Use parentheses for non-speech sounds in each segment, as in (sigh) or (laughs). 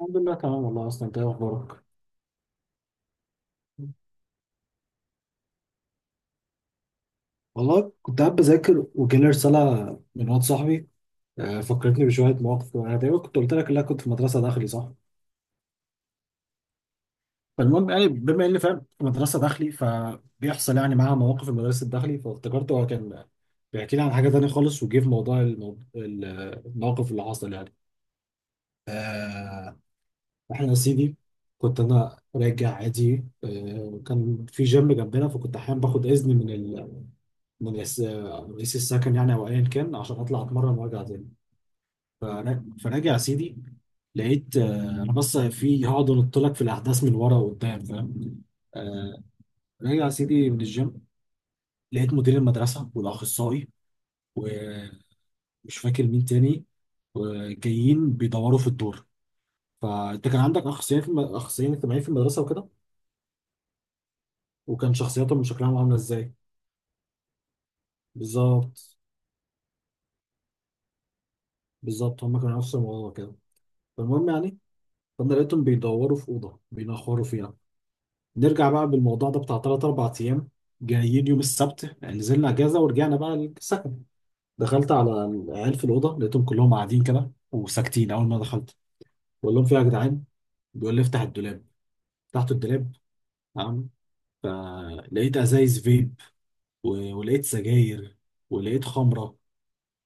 الحمد لله تمام والله اصلا انت ايه اخبارك. والله كنت قاعد بذاكر وجالي رسالة من واد صاحبي. فكرتني بشوية مواقف، أنا تقريبا كنت قلت لك إن أنا كنت في مدرسة داخلي صح؟ فالمهم يعني بما إني فاهم في مدرسة داخلي، فبيحصل يعني معاها مواقف في المدرسة الداخلي، فافتكرته هو كان بيحكي لي عن حاجة تانية خالص وجه في موضوع الموقف اللي حصل يعني. إحنا يا سيدي كنت أنا راجع عادي، وكان في جيم جنبنا، فكنت أحيانا باخد إذن من رئيس السكن يعني او ايا كان عشان اطلع اتمرن وارجع تاني. فراجع يا سيدي، لقيت انا بس في هقعد انط لك في الاحداث من ورا وقدام فاهم. آه، راجع يا سيدي من الجيم، لقيت مدير المدرسه والاخصائي، ومش فاكر مين تاني، وجايين بيدوروا في الدور. فانت كان عندك اخصائيين اخصائيين اجتماعيين في المدرسه وكده، وكان شخصياتهم وشكلهم عامله ازاي. بالظبط، بالظبط هم كانوا نفس الموضوع كده. فالمهم يعني، فانا لقيتهم بيدوروا في اوضه بينخروا فيها. نرجع بقى بالموضوع ده بتاع ثلاث اربع ايام، جايين يوم السبت يعني نزلنا اجازه ورجعنا بقى السكن. دخلت على العيال في الاوضه، لقيتهم كلهم قاعدين كده وساكتين. اول ما دخلت بقول لهم في إيه يا جدعان، بيقول لي افتح الدولاب. فتحت الدولاب، تمام، فلقيت ازايز فيب، ولقيت سجاير، ولقيت خمره،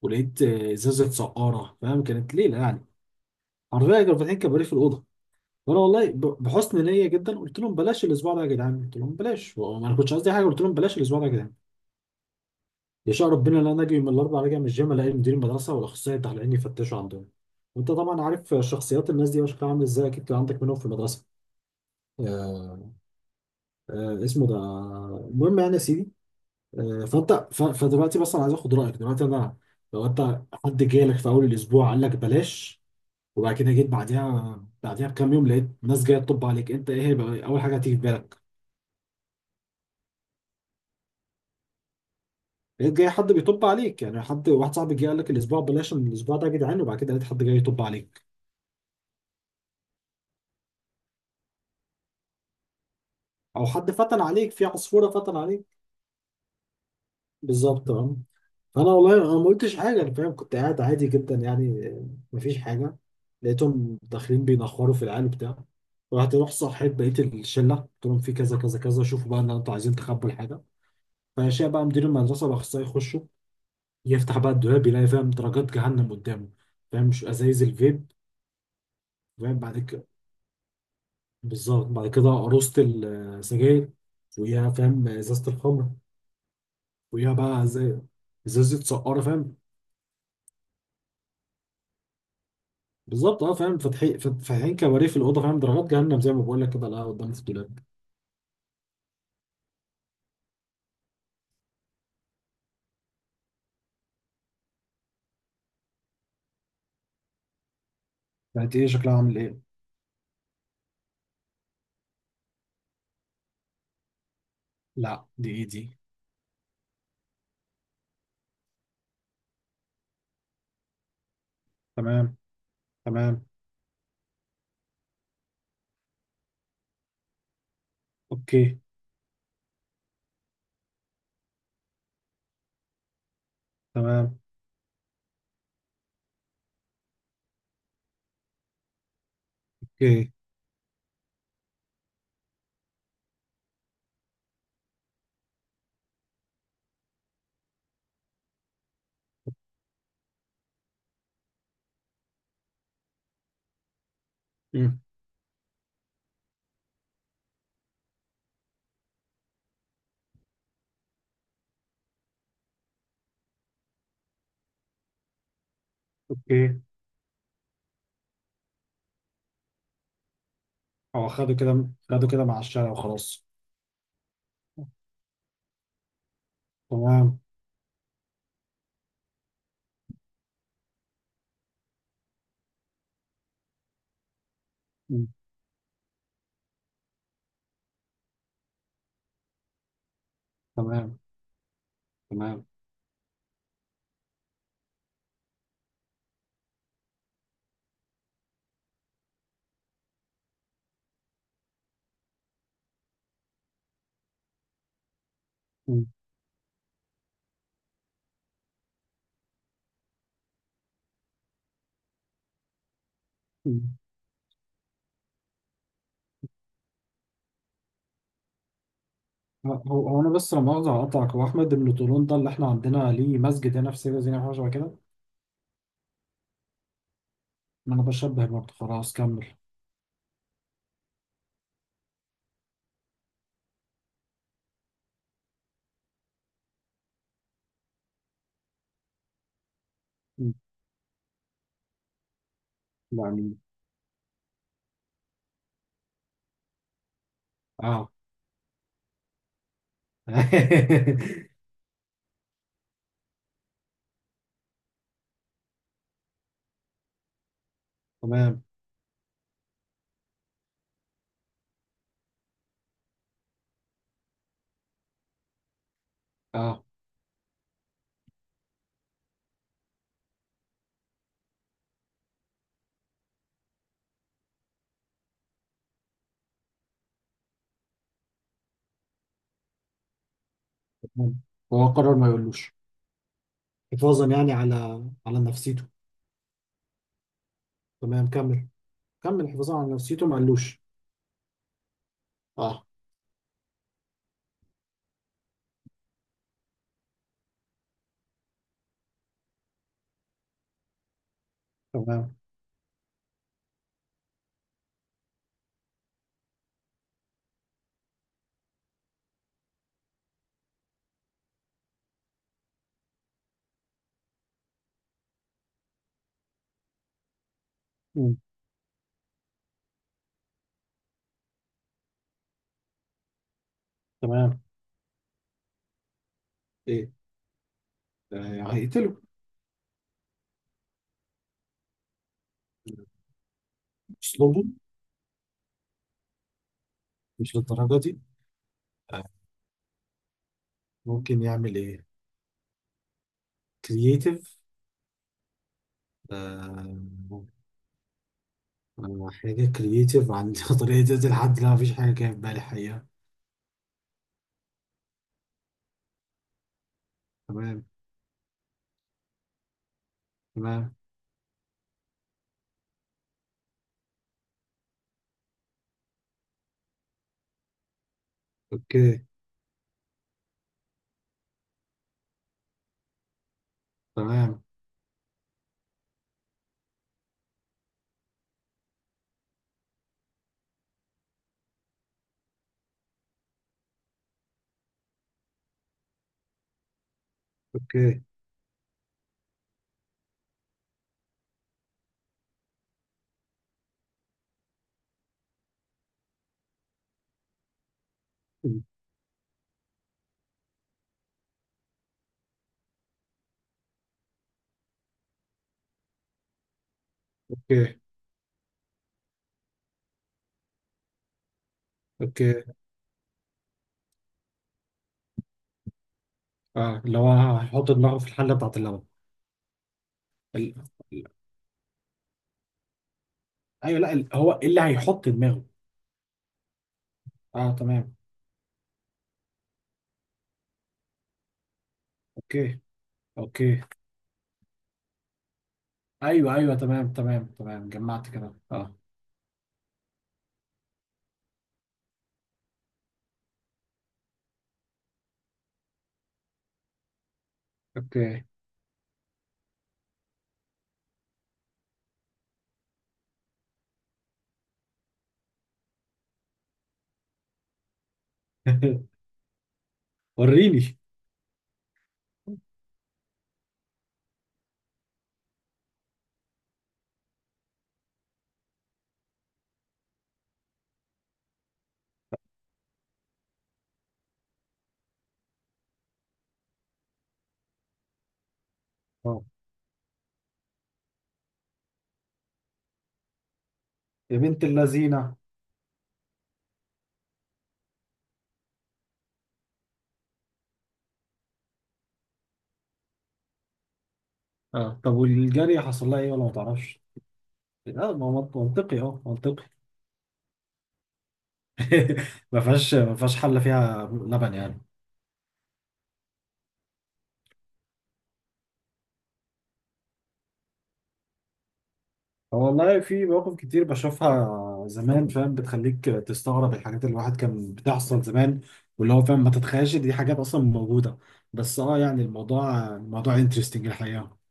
ولقيت ازازه سقاره فاهم، كانت ليله يعني. حرفيا كانوا فاتحين كباريه في الاوضه. وانا والله بحسن نيه جدا قلت لهم بلاش الاسبوع ده يا جدعان، قلت لهم بلاش، وانا ما كنتش قصدي حاجه، قلت لهم بلاش الاسبوع ده يا جدعان. يشاء ربنا ان انا اجي من الاربع راجع من الجيم، الاقي مدير المدرسه والاخصائي التعليمي يفتشوا عندهم. وانت طبعا عارف شخصيات الناس دي وشكلها عامل ازاي، اكيد كان عندك منهم في المدرسه. آه، آه اسمه ده. المهم يعني يا سيدي، آه. فدلوقتي بس انا عايز اخد رايك، دلوقتي انا لو انت حد جالك في اول الاسبوع قال لك بلاش، وبعد كده جيت بعديها بعديها بكام يوم لقيت ناس جايه تطب عليك، انت ايه هيبقى اول حاجه هتيجي في بالك؟ لقيت جاي حد بيطب عليك يعني، حد واحد صاحبي جه قال لك الاسبوع بلاش الاسبوع ده يا جدعان، وبعد كده لقيت حد جاي يطب عليك، او حد فتن عليك، في عصفوره فتن عليك. بالظبط اه. فانا والله انا ما قلتش حاجه، انا فاهم كنت قاعد عادي جدا يعني، مفيش حاجه. لقيتهم داخلين بينخروا في العيال وبتاع. رحت صحيت بقيت الشله قلت لهم في كذا كذا كذا، شوفوا بقى ان انتوا عايزين تخبوا الحاجه. فشاء بقى مدير المدرسه باخصائي يخشوا، يفتح بقى الدولاب، يلاقي فاهم درجات جهنم قدامه. فاهم مش ازايز الفيب فاهم بعد، بالظبط، بعد كده قروصة السجاير، وياها فاهم ازازة الخمر، وياها بقى زي ازازة سقارة فاهم. بالظبط اه، فاهم، فاتحين كباريه في الأوضة فاهم، درجات جهنم زي ما بقول لك كده، لا قدام في الدولاب. بقت ايه شكلها عامل ايه؟ لا دي ايه دي؟ تمام، تمام، اوكي، تمام، اوكي، مم، اوكي. هو خده كده، خده كده مع الشارع وخلاص. تمام. مم. تمام. تمام. مم. مم. هو هو انا بس لما مؤاخذة هقطعك، هو احمد بن طولون ده اللي احنا عندنا ليه مسجد هنا في سيدة زينب حاجه شبه كده؟ ما انا بشبه برضه، خلاص كمل. م. يعني اه. (laughs) تمام اه. تمام، هو قرر ما يقولوش، حفاظا يعني على على نفسيته. تمام كمل، كمل، حفاظا على نفسيته ما قالوش. اه. تمام. م. تمام. ايه، هيقتله. اسلوبه، مش للدرجه دي. آه، ممكن يعمل ايه. كرييتيف، حاجة كرييتيف عن (laughs) طريقة تقتل حد. لا مفيش حاجة جاية في بالي حقيقة. تمام. تمام. أوكي. تمام. أوكي. أوكي. أوكي. آه اللي هو هيحط دماغه في الحلة بتاعت اللبن. ال... ال- أيوه لا، ال... هو إيه اللي هيحط دماغه؟ آه تمام. أوكي. أوكي. أيوه أيوه، تمام تمام تمام، جمعت كده آه. أوكي. (laughs) وريني. آه. يا بنت اللذينة. آه، طب والجارية حصل لها إيه ولا ما تعرفش؟ لا ما هو منطقي، أه منطقي. (laughs) ما فيهاش، ما فيهاش حل فيها لبن يعني. هو والله في مواقف كتير بشوفها زمان فاهم، بتخليك تستغرب الحاجات اللي الواحد كان بتحصل زمان، واللي هو فاهم ما تتخيلش دي حاجات اصلا موجوده. بس اه يعني الموضوع، الموضوع انترستنج الحقيقه.